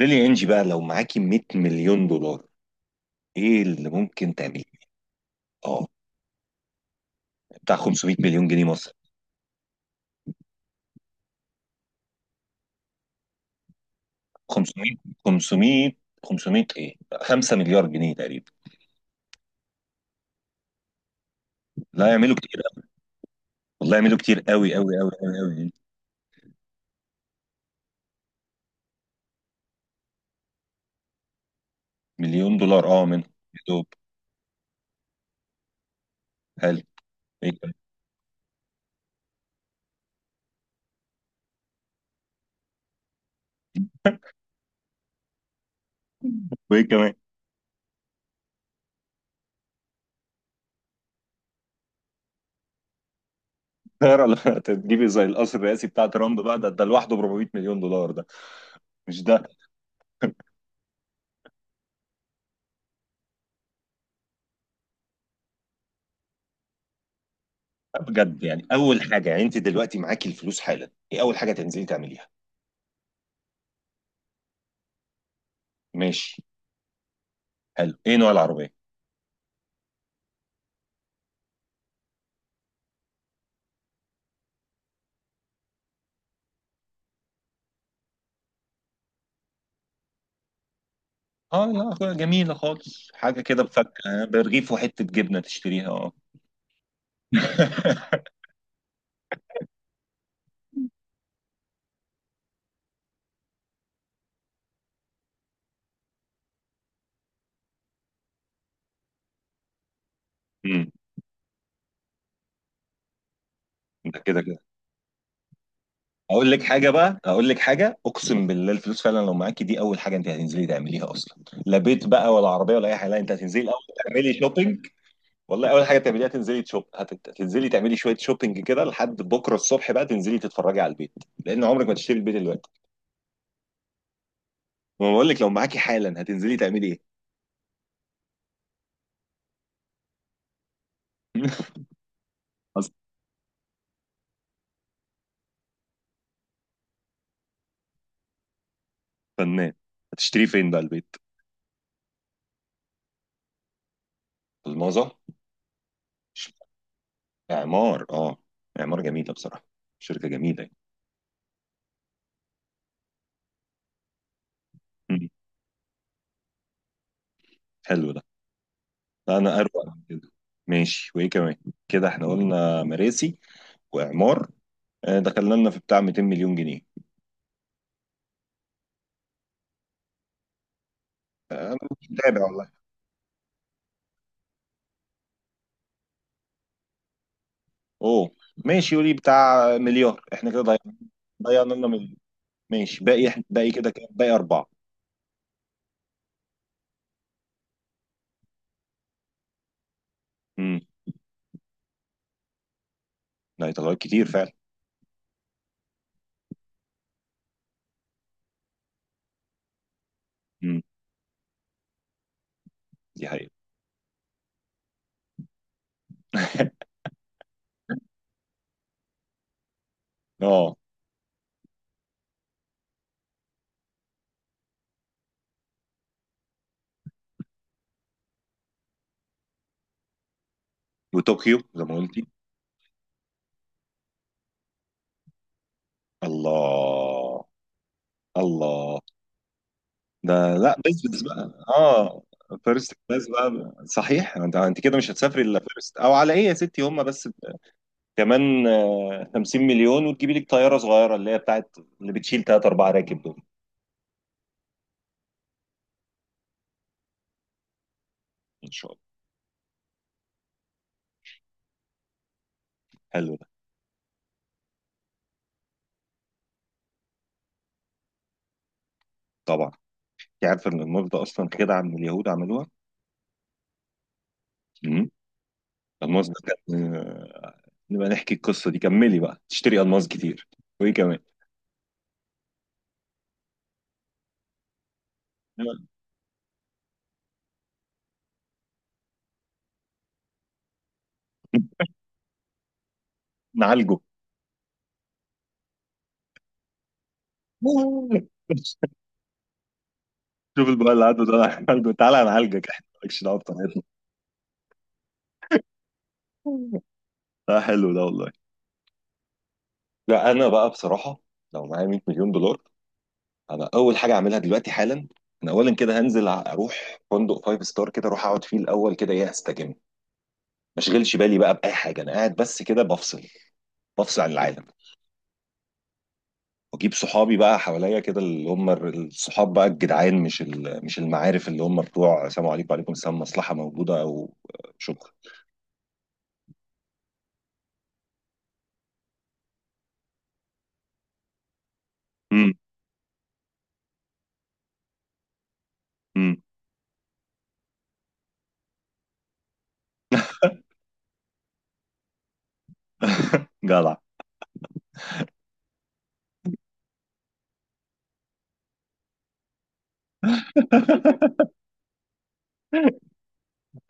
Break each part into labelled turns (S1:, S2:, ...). S1: ليلي، انجي بقى لو معاكي 100 مليون دولار، ايه اللي ممكن تعمليه؟ اه، بتاع 500 مليون جنيه مصر. 500، 500، 500 ايه؟ 5 مليار جنيه تقريبا. لا، يعملوا كتير أوي. والله يعملوا كتير قوي قوي قوي قوي قوي. مليون دولار اه منهم يا دوب. حلو. ايه كمان؟ وايه كمان؟ طيارة لا تجيبي، زي القصر الرئاسي بتاع ترامب بقى، ده لوحده ب 400 مليون دولار ده. مش ده. بجد يعني، اول حاجه يعني، انت دلوقتي معاكي الفلوس حالا، ايه اول حاجه تنزلي تعمليها؟ ماشي. حلو. ايه نوع العربيه؟ اه، لا جميلة خالص، حاجة كده بفكة برغيف وحتة جبنة تشتريها، اه. امم ده كده كده. اقول لك حاجة اقسم بالله الفلوس فعلا لو معاكي دي، اول حاجة انت هتنزلي تعمليها اصلا، لا بيت بقى ولا عربية ولا اي حاجة، لا، انت هتنزلي الاول تعملي شوبينج. والله اول حاجة تعمليها تنزلي تشوب، هتنزلي تعملي شوية شوبينج كده لحد بكرة الصبح، بقى تنزلي تتفرجي على البيت. لان عمرك ما تشتري البيت دلوقتي. ما بقول لك لو معاكي حالا هتنزلي تعملي ايه؟ أصل. فنان. هتشتري فين بقى البيت؟ الماظة. اعمار. اه، اعمار جميله بصراحه، شركه جميله يعني. مم. حلو ده. لا، انا اروق من كده. ماشي. وايه كمان؟ كده احنا قلنا مراسي واعمار، آه، دخلنا لنا في بتاع 200 مليون جنيه. متابع والله. اوه. ماشي، قولي بتاع مليار، احنا كده ضيعنا. ضيعنا لنا مليون. ماشي، باقي باقي كده كام؟ باقي اربعه. امم. لا، يطلعوا كتير فعلا. امم. دي حقيقه. اه، وطوكيو زي ما قلتي. الله. الله. ده لا بزبز بقى اه. فيرست كلاس بقى، صحيح. انت كده مش هتسافري الا فيرست او على ايه يا ستي، هم بس كمان آه، 50 مليون وتجيبي لك طياره صغيره اللي هي بتاعت اللي بتشيل ثلاث اربع راكب دول. ان شاء الله. حلو ده. طبعا. انت عارفه ان الموز ده اصلا كده عم اليهود عملوها؟ امم. الماس ده كان آه، نبقى نحكي القصه دي. كملي بقى، تشتري الماس كتير. وايه كمان؟ نعالجه. شوف بقى اللي عنده ده، نعالجه، تعالى نعالجك. احنا مالكش دعوه بطريقتنا. لا، حلو ده والله. لا، انا بقى بصراحه، لو معايا 100 مليون دولار، انا اول حاجه اعملها دلوقتي حالا، انا اولا كده هنزل اروح فندق فايف ستار كده، اروح اقعد فيه الاول كده، ايه استجم، ما اشغلش بالي بقى باي حاجه، انا قاعد بس كده بفصل، بفصل عن العالم. واجيب صحابي بقى حواليا كده، اللي هم الصحاب بقى الجدعان، مش المعارف اللي هم بتوع سلام عليكم وعليكم السلام مصلحه موجوده او شكرا. امم. امم. جدع.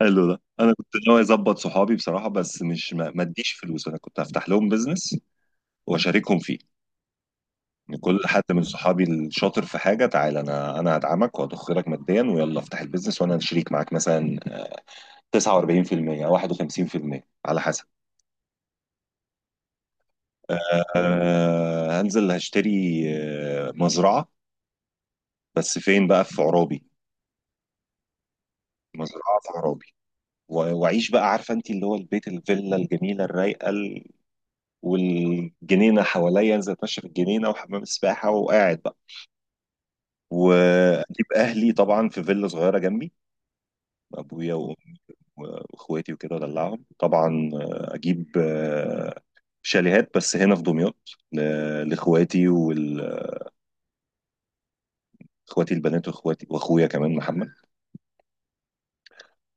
S1: حلو ده. انا كنت ناوي اظبط صحابي بصراحه، بس مش ما اديش فلوس، انا كنت هفتح لهم بزنس واشاركهم فيه. ان كل حد من صحابي الشاطر في حاجه، تعالى انا هدعمك وهضخ لك ماديا، ويلا افتح البيزنس وانا شريك معاك مثلا 49% او 51% على حسب. أه، هنزل هشتري آه، مزرعه، بس فين؟ بقى في عرابي، مزرعه في عرابي. واعيش بقى، عارفه انت اللي هو البيت الفيلا الجميله الرايقه والجنينه حواليا، انزل اتمشى في الجنينه وحمام السباحه وقاعد بقى. واجيب اهلي طبعا في فيلا صغيره جنبي، ابويا وامي واخواتي وكده، ادلعهم طبعا آه، اجيب آه، شاليهات بس هنا في دمياط لاخواتي، واخواتي البنات، واخواتي واخويا كمان محمد.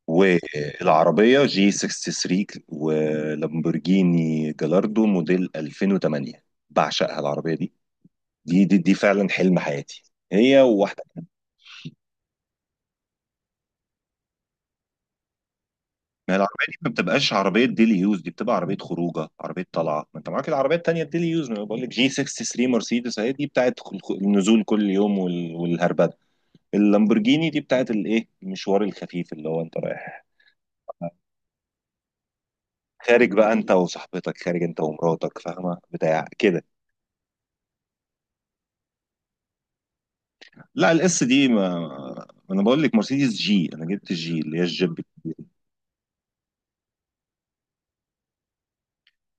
S1: والعربيه جي 63 ولامبورجيني جلاردو موديل 2008، بعشقها العربيه دي. دي فعلا حلم حياتي، هي وواحده. ما العربية دي ما بتبقاش عربية ديلي يوز، دي بتبقى عربية خروجة، عربية طلعة. ما انت معاك العربية التانية الديلي يوز، ما بقول لك جي 63 مرسيدس، اهي دي بتاعت النزول كل يوم، والهربدة. اللامبورجيني دي بتاعت الايه، المشوار الخفيف اللي هو انت رايح خارج بقى انت وصاحبتك، خارج انت ومراتك، فاهمة بتاع كده. لا، الاس دي ما، ما انا بقول لك مرسيدس جي، انا جبت الجي اللي هي الجيب.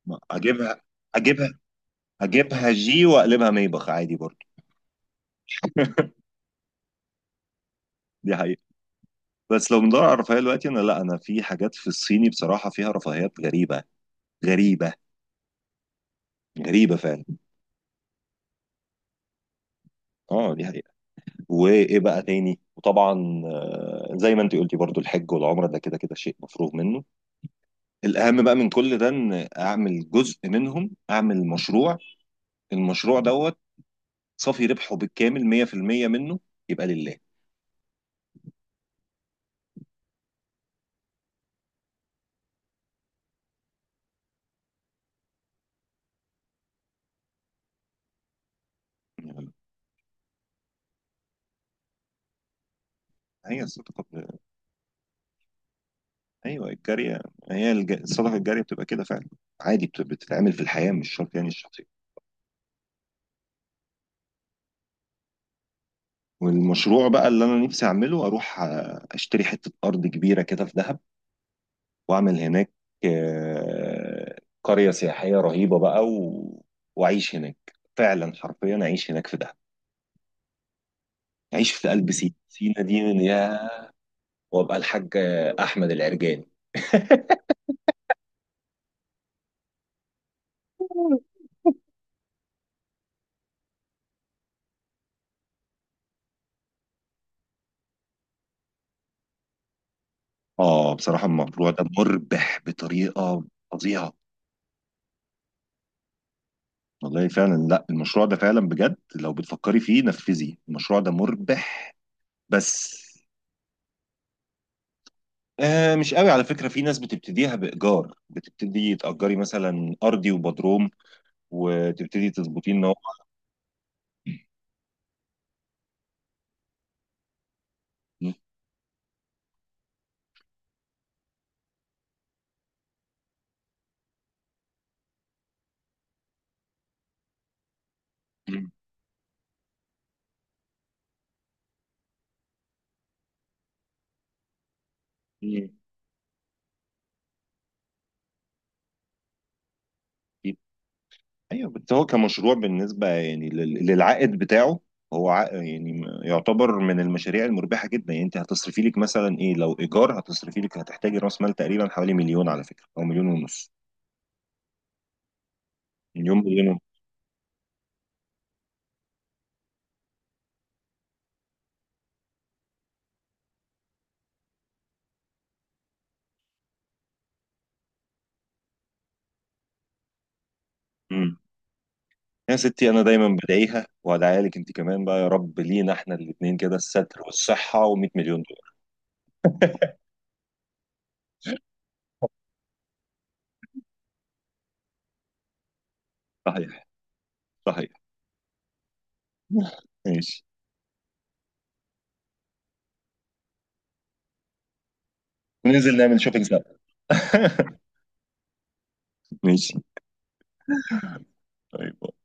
S1: اجيبها، اجيبها، اجيبها جي واقلبها ميبخ عادي برضه. دي حقيقة. بس لو بندور على الرفاهيه دلوقتي انا، لا انا في حاجات في الصيني بصراحه فيها رفاهيات غريبه، غريبه، غريبه فعلا. اه دي حقيقه. وايه بقى تاني؟ وطبعا آه، زي ما انت قلتي برضو، الحج والعمره ده كده كده شيء مفروغ منه. الاهم بقى من كل ده ان اعمل جزء منهم، اعمل مشروع، المشروع دوت صافي ربحه بالكامل 100% منه يبقى لله. هي الصدقة أيوه، الجارية. هي الصدقة الجارية بتبقى كده فعلا، عادي بتتعمل في الحياة، مش شرط يعني الشخصية. والمشروع بقى اللي أنا نفسي أعمله، أروح آه، أشتري حتة أرض كبيرة كده في دهب، وأعمل هناك آه، قرية سياحية رهيبة بقى وأعيش هناك، فعلا حرفيا أعيش هناك في دهب. عيش في قلب سينا، سينا دي من يا، وابقى الحاج احمد العرجاني. اه بصراحة المشروع ده مربح بطريقة فظيعة. والله فعلا، لا المشروع ده فعلا بجد لو بتفكري فيه نفذي، المشروع ده مربح بس. آه، مش قوي على فكرة، في ناس بتبتديها بإيجار، بتبتدي تأجري مثلا أرضي وبدروم وتبتدي تظبطيه إن. هو، ايوه، بس هو كمشروع بالنسبه يعني للعائد بتاعه، هو عائد يعني، يعتبر من المشاريع المربحه جدا يعني، انت هتصرفي لك مثلا ايه، لو ايجار هتصرفي لك هتحتاجي راس مال تقريبا حوالي مليون على فكره او مليون ونص. مليون، مليون ونص. امم. يا ستي، انا دايما بدعيها وادعيها لك انت كمان بقى، يا رب لينا احنا الاثنين كده الستر والصحه و100 مليون دولار. صحيح. صحيح. ماشي. ننزل نعمل شوبينج سوا. ماشي. طيب.